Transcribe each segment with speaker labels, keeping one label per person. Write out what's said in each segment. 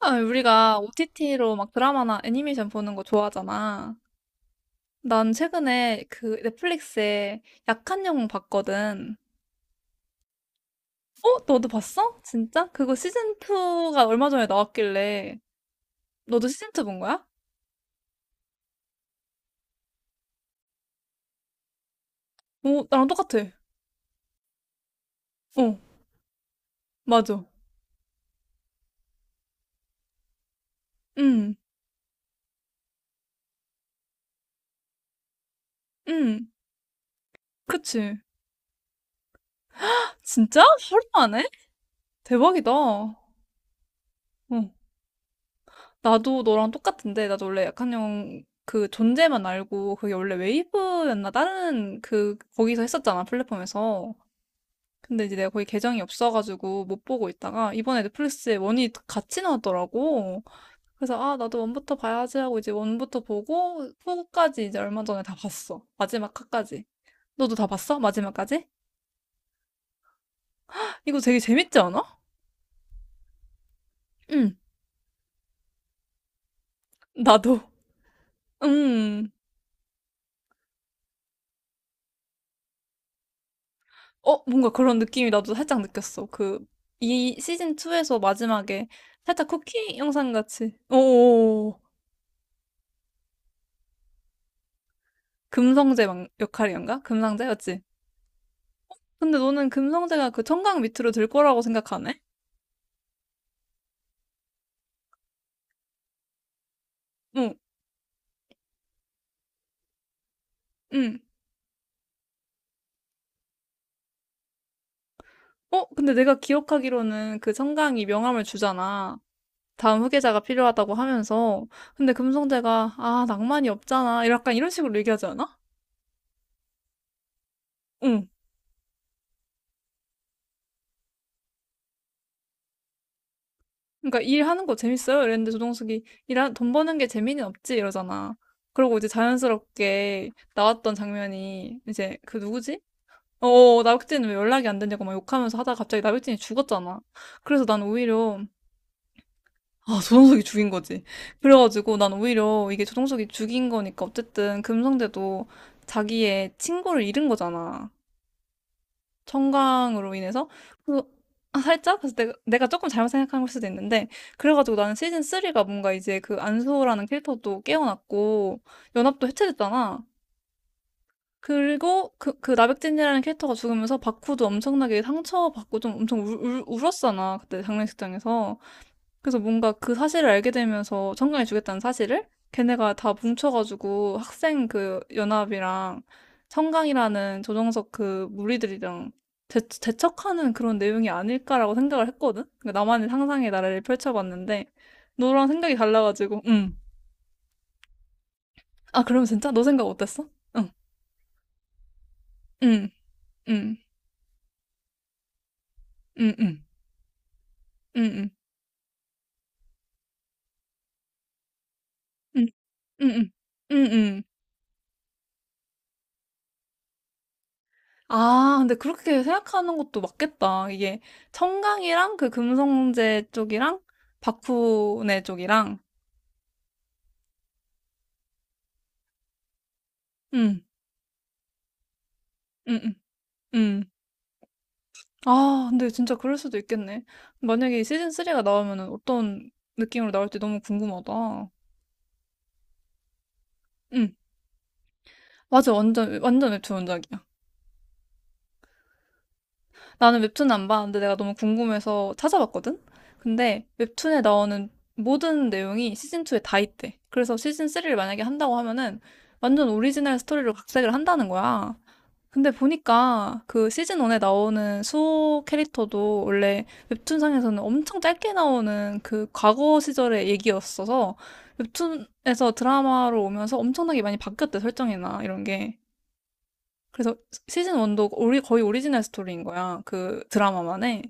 Speaker 1: 아, 우리가 OTT로 막 드라마나 애니메이션 보는 거 좋아하잖아. 난 최근에 그 넷플릭스에 약한 영웅 봤거든. 어? 너도 봤어? 진짜? 그거 시즌2가 얼마 전에 나왔길래. 너도 시즌2 본 거야? 오, 나랑 똑같아. 어, 맞아. 응, 응, 그치. 진짜? 하루 안 해? 대박이다. 어, 나도 너랑 똑같은데. 나도 원래 약한 영웅 그 존재만 알고 그게 원래 웨이브였나? 다른 그, 거기서 했었잖아, 플랫폼에서. 근데 이제 내가 거기 계정이 없어가지고 못 보고 있다가 이번에 넷플릭스에 원이 같이 나왔더라고. 그래서 아, 나도 원부터 봐야지 하고 이제 원부터 보고 후까지 이제 얼마 전에 다 봤어. 마지막 화까지. 너도 다 봤어? 마지막까지? 이거 되게 재밌지 않아? 응, 나도. 음. 어, 뭔가 그런 느낌이 나도 살짝 느꼈어. 그, 이 시즌2에서 마지막에 살짝 쿠키 영상 같이. 오, 금성재 역할이었나? 금상재였지? 근데 너는 금성대가 그 청강 밑으로 들 거라고 생각하네? 응, 응. 어, 근데 내가 기억하기로는 그 청강이 명함을 주잖아. 다음 후계자가 필요하다고 하면서. 근데 금성대가, 아, 낭만이 없잖아. 약간 이런 식으로 얘기하지 않아? 응. 그러니까 일하는 거 재밌어요? 이랬는데 조동숙이 돈 버는 게 재미는 없지? 이러잖아. 그러고 이제 자연스럽게 나왔던 장면이 이제 그 누구지? 어, 나백진은 왜 연락이 안 되냐고 막 욕하면서 하다가 갑자기 나백진이 죽었잖아. 그래서 난 오히려 아, 조정석이 죽인 거지. 그래가지고 난 오히려 이게 조정석이 죽인 거니까 어쨌든 금성대도 자기의 친구를 잃은 거잖아. 청강으로 인해서. 그, 아, 살짝? 그래서 내가 조금 잘못 생각한 걸 수도 있는데. 그래가지고 나는 시즌 3가 뭔가 이제 그 안수호라는 캐릭터도 깨어났고, 연합도 해체됐잖아. 그리고 그, 그 나백진이라는 캐릭터가 죽으면서 바쿠도 엄청나게 상처받고 좀 엄청 울었잖아. 그때 장례식장에서. 그래서 뭔가 그 사실을 알게 되면서 청강이 주겠다는 사실을 걔네가 다 뭉쳐가지고 학생 그 연합이랑 청강이라는 조정석 그 무리들이랑 대척하는 그런 내용이 아닐까라고 생각을 했거든? 그러니까 나만의 상상의 나래를 펼쳐봤는데 너랑 생각이 달라가지고 응. 아, 그럼 진짜 너 생각 어땠어? 응. 응. 응. 응. 응. 응. 응. 응. 응. 응. 응. 응. 아, 근데 그렇게 생각하는 것도 맞겠다. 이게 청강이랑 그 금성제 쪽이랑 박훈의 쪽이랑 음, 음, 음, 음. 아, 근데 진짜 그럴 수도 있겠네. 만약에 시즌 3가 나오면은 어떤 느낌으로 나올지 너무 궁금하다. 응, 맞아. 완전 완전 웹툰 원작이야. 나는 웹툰 안 봤는데 내가 너무 궁금해서 찾아봤거든? 근데 웹툰에 나오는 모든 내용이 시즌2에 다 있대. 그래서 시즌3를 만약에 한다고 하면은 완전 오리지널 스토리로 각색을 한다는 거야. 근데 보니까 그 시즌1에 나오는 수호 캐릭터도 원래 웹툰상에서는 엄청 짧게 나오는 그 과거 시절의 얘기였어서 웹툰에서 드라마로 오면서 엄청나게 많이 바뀌었대, 설정이나 이런 게. 그래서 시즌 1도 거의 오리지널 스토리인 거야. 그 드라마만에.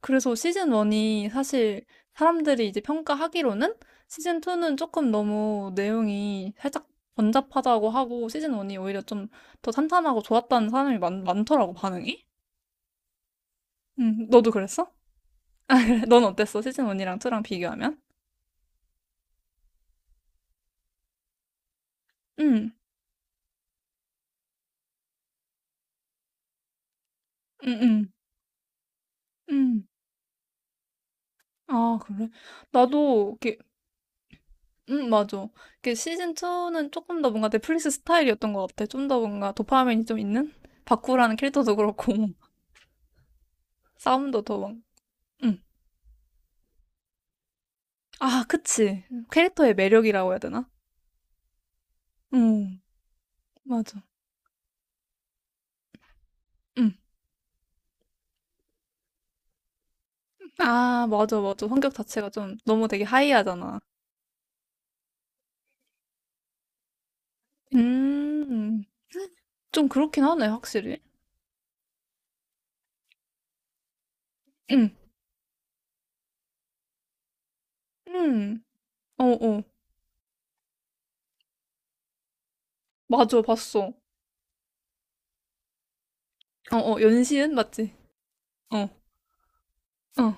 Speaker 1: 그래서 시즌 1이 사실 사람들이 이제 평가하기로는 시즌 2는 조금 너무 내용이 살짝 번잡하다고 하고 시즌 1이 오히려 좀 더 탄탄하고 좋았다는 사람이 많더라고, 반응이. 너도 그랬어? 아, 그래. 넌 어땠어? 시즌 1이랑 2랑 비교하면? 음, 음, 음, 음. 아, 그래? 나도 이렇게 맞아. 그 시즌 2는 조금 더 뭔가 넷플릭스 스타일이었던 것 같아. 좀 더 뭔가 도파민이 좀 있는? 바쿠라는 캐릭터도 그렇고, 싸움도 더 막, 음. 아, 그치. 캐릭터의 매력이라고 해야 되나? 음, 맞아. 음. 아, 맞아, 맞아. 성격 자체가 좀 너무 되게 하이하잖아. 음, 좀 그렇긴 하네, 확실히. 음, 음. 어, 어. 맞아, 봤어. 어, 어. 연시은? 맞지? 어, 어,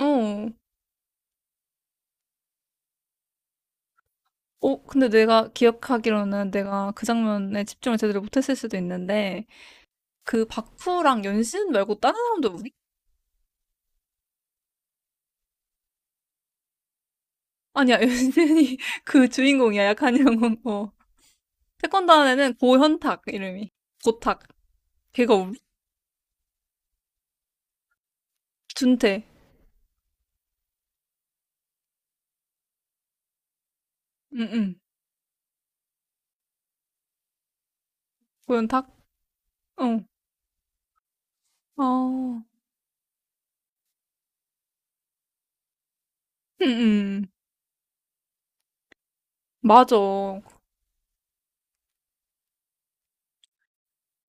Speaker 1: 어. 어, 근데 내가 기억하기로는 내가 그 장면에 집중을 제대로 못했을 수도 있는데, 그 박후랑 연신 말고 다른 사람도 우리? 아니야, 연신이 그 주인공이야, 약한 영혼. 어. 태권도 안에는 고현탁, 이름이. 고탁. 걔가 우리? 준태. 응, 응. 고현탁? 어. 아, 응, 응. 맞아.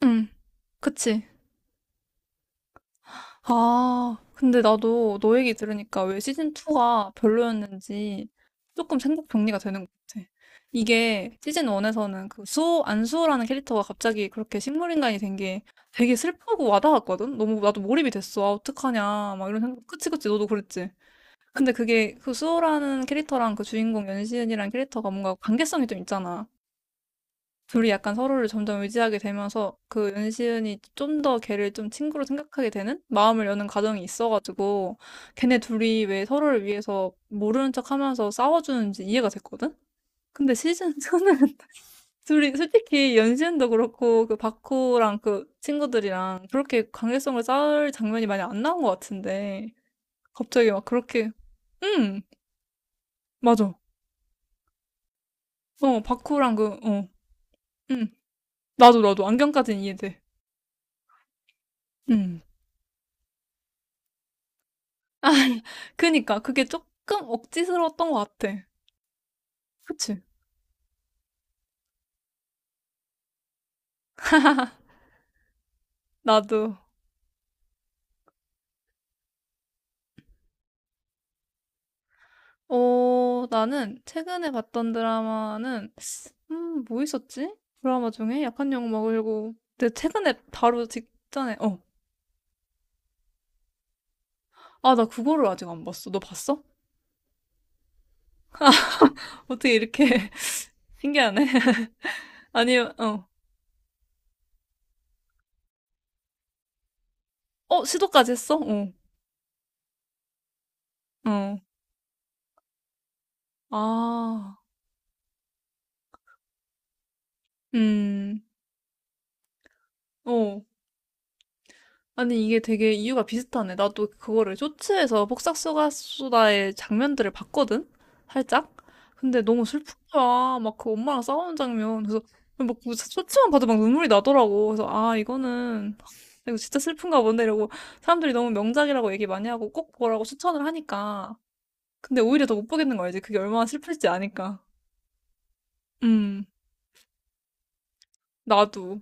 Speaker 1: 응, 그치. 아, 근데 나도 너 얘기 들으니까 왜 시즌2가 별로였는지 조금 생각 정리가 되는 것 같아. 이게 시즌1에서는 그 수호, 안수호라는 캐릭터가 갑자기 그렇게 식물인간이 된 게 되게 슬프고 와닿았거든? 너무 나도 몰입이 됐어. 아, 어떡하냐. 막 이런 생각. 그치, 그치. 너도 그랬지. 근데 그게 그 수호라는 캐릭터랑 그 주인공 연시은이라는 캐릭터가 뭔가 관계성이 좀 있잖아. 둘이 약간 서로를 점점 의지하게 되면서 그 윤시은이 좀 더 걔를 좀 친구로 생각하게 되는 마음을 여는 과정이 있어가지고 걔네 둘이 왜 서로를 위해서 모르는 척 하면서 싸워주는지 이해가 됐거든? 근데 시즌 2는 둘이 솔직히 연시은도 그렇고 그 바쿠랑 그 친구들이랑 그렇게 관계성을 쌓을 장면이 많이 안 나온 것 같은데 갑자기 막 그렇게 응 맞아 어 바쿠랑 그 어 응 나도 안경까지는 이해돼 응 아, 그니까 그게 조금 억지스러웠던 것 같아. 그치? 나도. 어, 나는 최근에 봤던 드라마는 뭐 있었지? 드라마 중에 약한 약 먹으려고. 근데 최근에 바로 직전에 어. 아, 나 그거를 아직 안 봤어. 너 봤어? 어떻게 이렇게 신기하네. 아니, 어. 어, 시도까지 했어? 어. 어. 아. 음. 어. 아니, 이게 되게 이유가 비슷하네. 나도 그거를 쇼츠에서 폭삭소가수다의 장면들을 봤거든? 살짝? 근데 너무 슬픈 거야. 막 그 엄마랑 싸우는 장면. 그래서 막그 쇼츠만 봐도 막 눈물이 나더라고. 그래서 아, 이거는, 이거 진짜 슬픈가 본데 이러고 사람들이 너무 명작이라고 얘기 많이 하고 꼭 보라고 추천을 하니까. 근데 오히려 더 못 보겠는 거 알지? 그게 얼마나 슬플지 아니까. 음, 나도.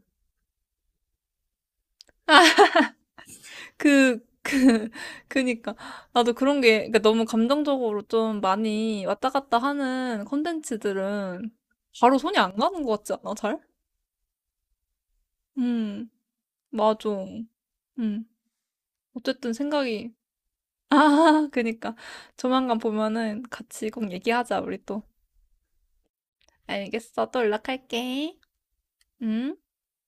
Speaker 1: 그, 그, 그니까. 나도 그런 게, 그러니까 너무 감정적으로 좀 많이 왔다 갔다 하는 콘텐츠들은 바로 손이 안 가는 것 같지 않아, 잘? 음, 맞아. 음, 어쨌든 생각이, 아, 그니까. 조만간 보면은 같이 꼭 얘기하자, 우리 또. 알겠어. 또 연락할게. 음.